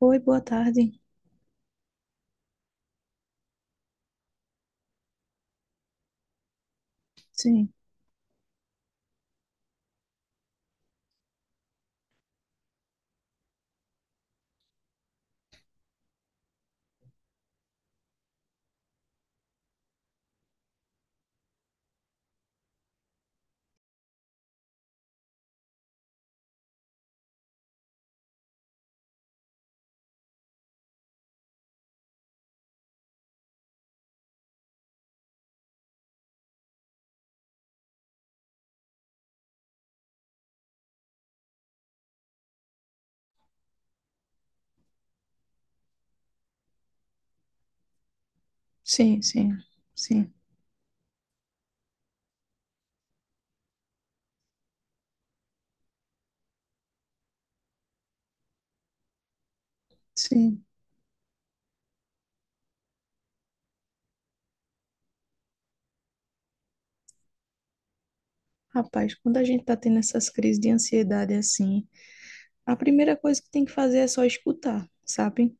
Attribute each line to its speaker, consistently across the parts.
Speaker 1: Oi, boa tarde. Sim, sim, sim, sim, sim. Rapaz, quando a gente tá tendo essas crises de ansiedade assim, a primeira coisa que tem que fazer é só escutar, sabe?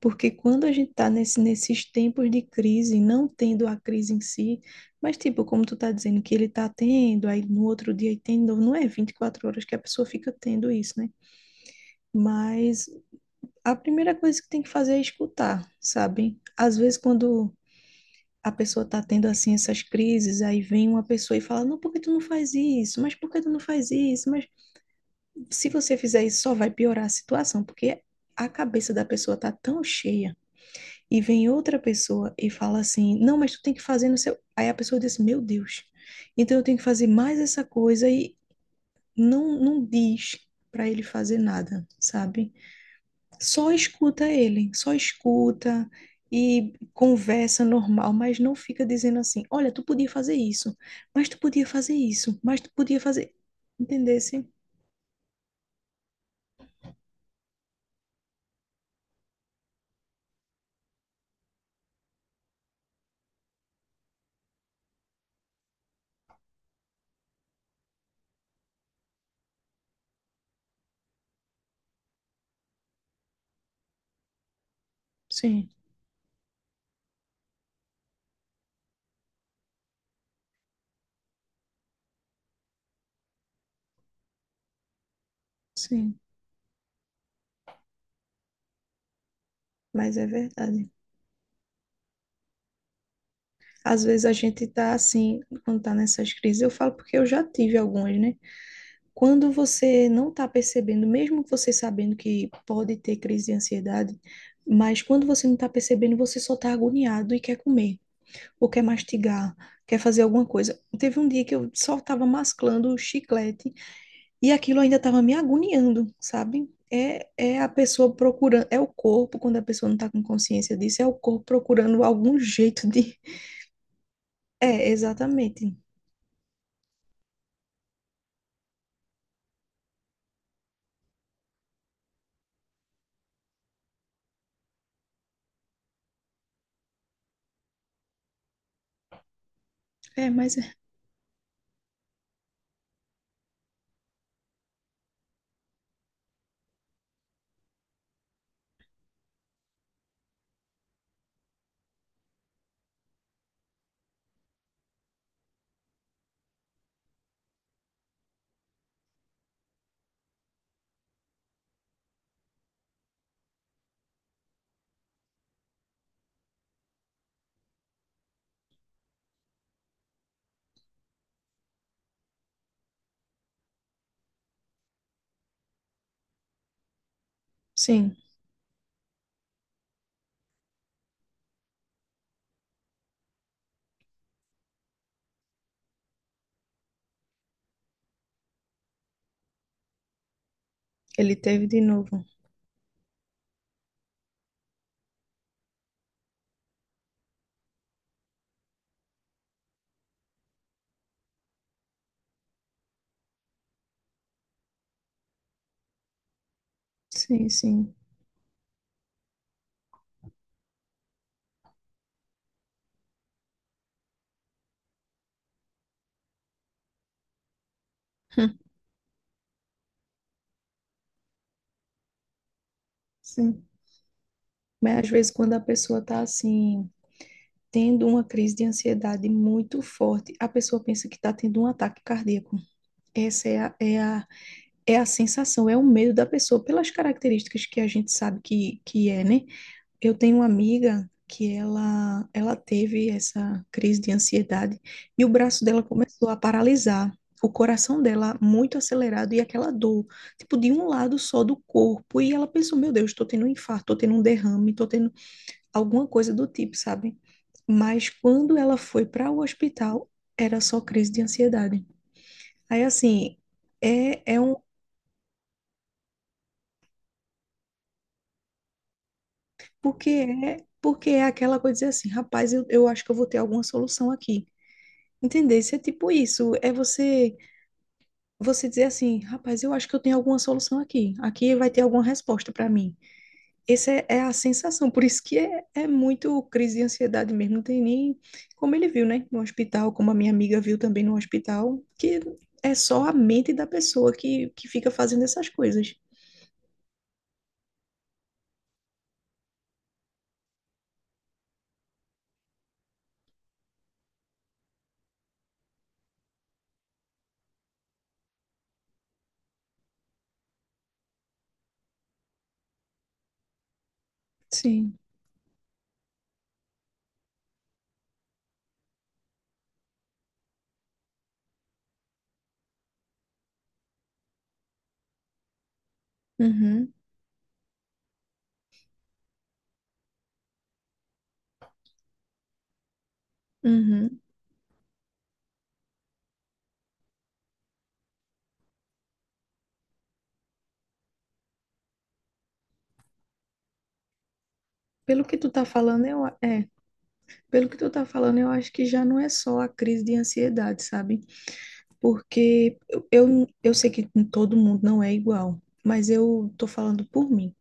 Speaker 1: Porque quando a gente tá nesses tempos de crise, não tendo a crise em si, mas tipo, como tu tá dizendo que ele tá tendo, aí no outro dia ele tem de novo, não é 24 horas que a pessoa fica tendo isso, né? Mas a primeira coisa que tem que fazer é escutar, sabe? Às vezes quando a pessoa tá tendo assim essas crises, aí vem uma pessoa e fala: "Não, por que tu não faz isso? Mas por que tu não faz isso? Mas se você fizer isso, só vai piorar a situação, porque a cabeça da pessoa tá tão cheia". E vem outra pessoa e fala assim: "Não, mas tu tem que fazer no seu". Aí a pessoa diz: "Meu Deus. Então eu tenho que fazer mais essa coisa e não diz para ele fazer nada, sabe? Só escuta ele, só escuta e conversa normal, mas não fica dizendo assim: olha, tu podia fazer isso, mas tu podia fazer isso, mas tu podia fazer. Entendesse? Sim, sim, mas é verdade. Às vezes a gente tá assim, quando tá nessas crises, eu falo porque eu já tive algumas, né? Quando você não tá percebendo, mesmo você sabendo que pode ter crise de ansiedade, mas quando você não tá percebendo, você só tá agoniado e quer comer. Ou quer mastigar, quer fazer alguma coisa. Teve um dia que eu só estava masclando o chiclete e aquilo ainda estava me agoniando, sabe? É, é a pessoa procurando, é o corpo, quando a pessoa não está com consciência disso, é o corpo procurando algum jeito de. É, exatamente. É, mas é- sim, ele teve de novo. Sim, sim. Hum. Sim. Mas às vezes quando a pessoa tá assim, tendo uma crise de ansiedade muito forte, a pessoa pensa que tá tendo um ataque cardíaco. Essa é a sensação, é o medo da pessoa, pelas características que a gente sabe que é, né? Eu tenho uma amiga que ela teve essa crise de ansiedade e o braço dela começou a paralisar, o coração dela muito acelerado e aquela dor, tipo, de um lado só do corpo. E ela pensou: meu Deus, tô tendo um infarto, tô tendo um derrame, tô tendo alguma coisa do tipo, sabe? Mas quando ela foi para o hospital, era só crise de ansiedade. Aí, assim, é, é um porque porque é aquela coisa de dizer assim, rapaz, eu acho que eu vou ter alguma solução aqui. Entender? Isso é tipo isso, é você dizer assim, rapaz, eu acho que eu tenho alguma solução aqui. Aqui vai ter alguma resposta para mim. Essa é a sensação, por isso que é muito crise de ansiedade mesmo, não tem nem como ele viu, né, no hospital, como a minha amiga viu também no hospital, que é só a mente da pessoa que fica fazendo essas coisas. Sim. Uhum, uhum. Pelo que tu tá falando, eu, é, Pelo que tu tá falando, eu acho que já não é só a crise de ansiedade, sabe? Porque eu sei que com todo mundo não é igual, mas eu tô falando por mim.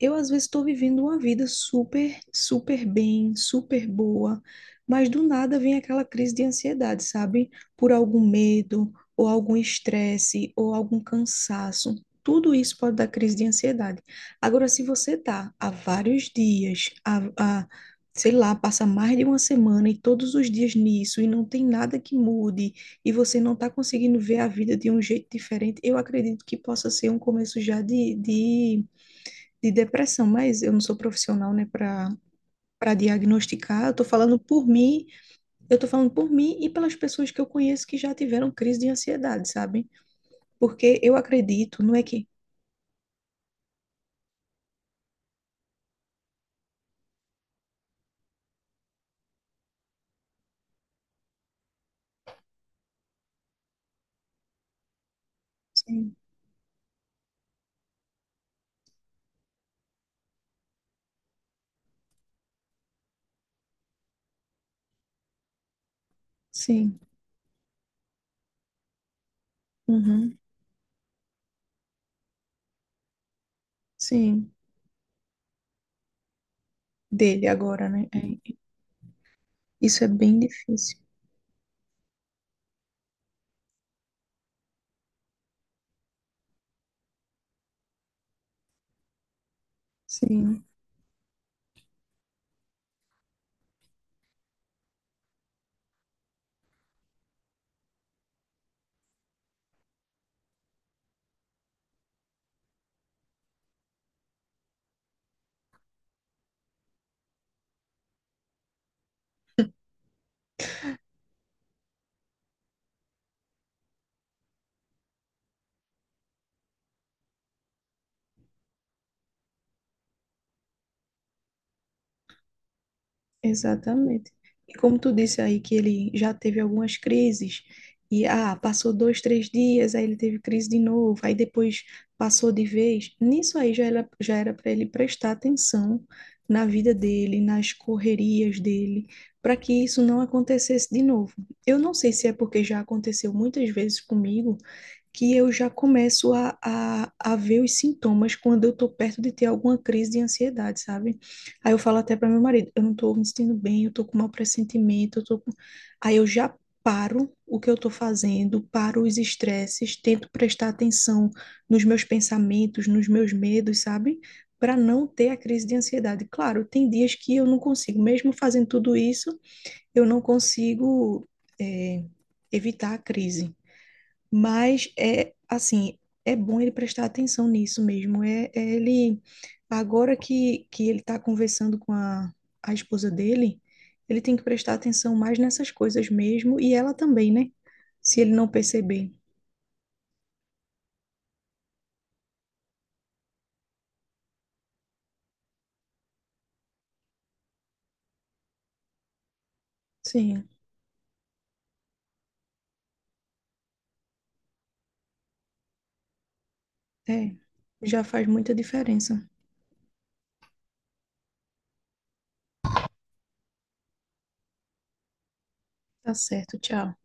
Speaker 1: Eu, às vezes, estou vivendo uma vida super, super bem, super boa, mas do nada vem aquela crise de ansiedade, sabe? Por algum medo, ou algum estresse, ou algum cansaço. Tudo isso pode dar crise de ansiedade. Agora, se você tá há vários dias, há, sei lá, passa mais de uma semana e todos os dias nisso, e não tem nada que mude, e você não tá conseguindo ver a vida de um jeito diferente, eu acredito que possa ser um começo já de depressão, mas eu não sou profissional, né, para para diagnosticar. Eu tô falando por mim e pelas pessoas que eu conheço que já tiveram crise de ansiedade, sabe? Porque eu acredito, não é que Sim, sim, uhum, sim, dele agora, né? É, isso é bem difícil. Sim. Exatamente. E como tu disse aí que ele já teve algumas crises, e ah, passou dois, três dias, aí ele teve crise de novo, aí depois passou de vez. Nisso aí já era para ele prestar atenção na vida dele, nas correrias dele, para que isso não acontecesse de novo. Eu não sei se é porque já aconteceu muitas vezes comigo que eu já começo a ver os sintomas quando eu tô perto de ter alguma crise de ansiedade, sabe? Aí eu falo até para meu marido, eu não tô me sentindo bem, eu tô com mau pressentimento, eu tô com... Aí eu já paro o que eu tô fazendo, paro os estresses, tento prestar atenção nos meus pensamentos, nos meus medos, sabe? Para não ter a crise de ansiedade. Claro, tem dias que eu não consigo, mesmo fazendo tudo isso, eu não consigo, eh, evitar a crise. Mas é assim, é bom ele prestar atenção nisso mesmo. É, é ele agora que ele está conversando com a esposa dele, ele tem que prestar atenção mais nessas coisas mesmo, e ela também, né? Se ele não perceber. Sim, é. Já faz muita diferença. Tá certo, tchau.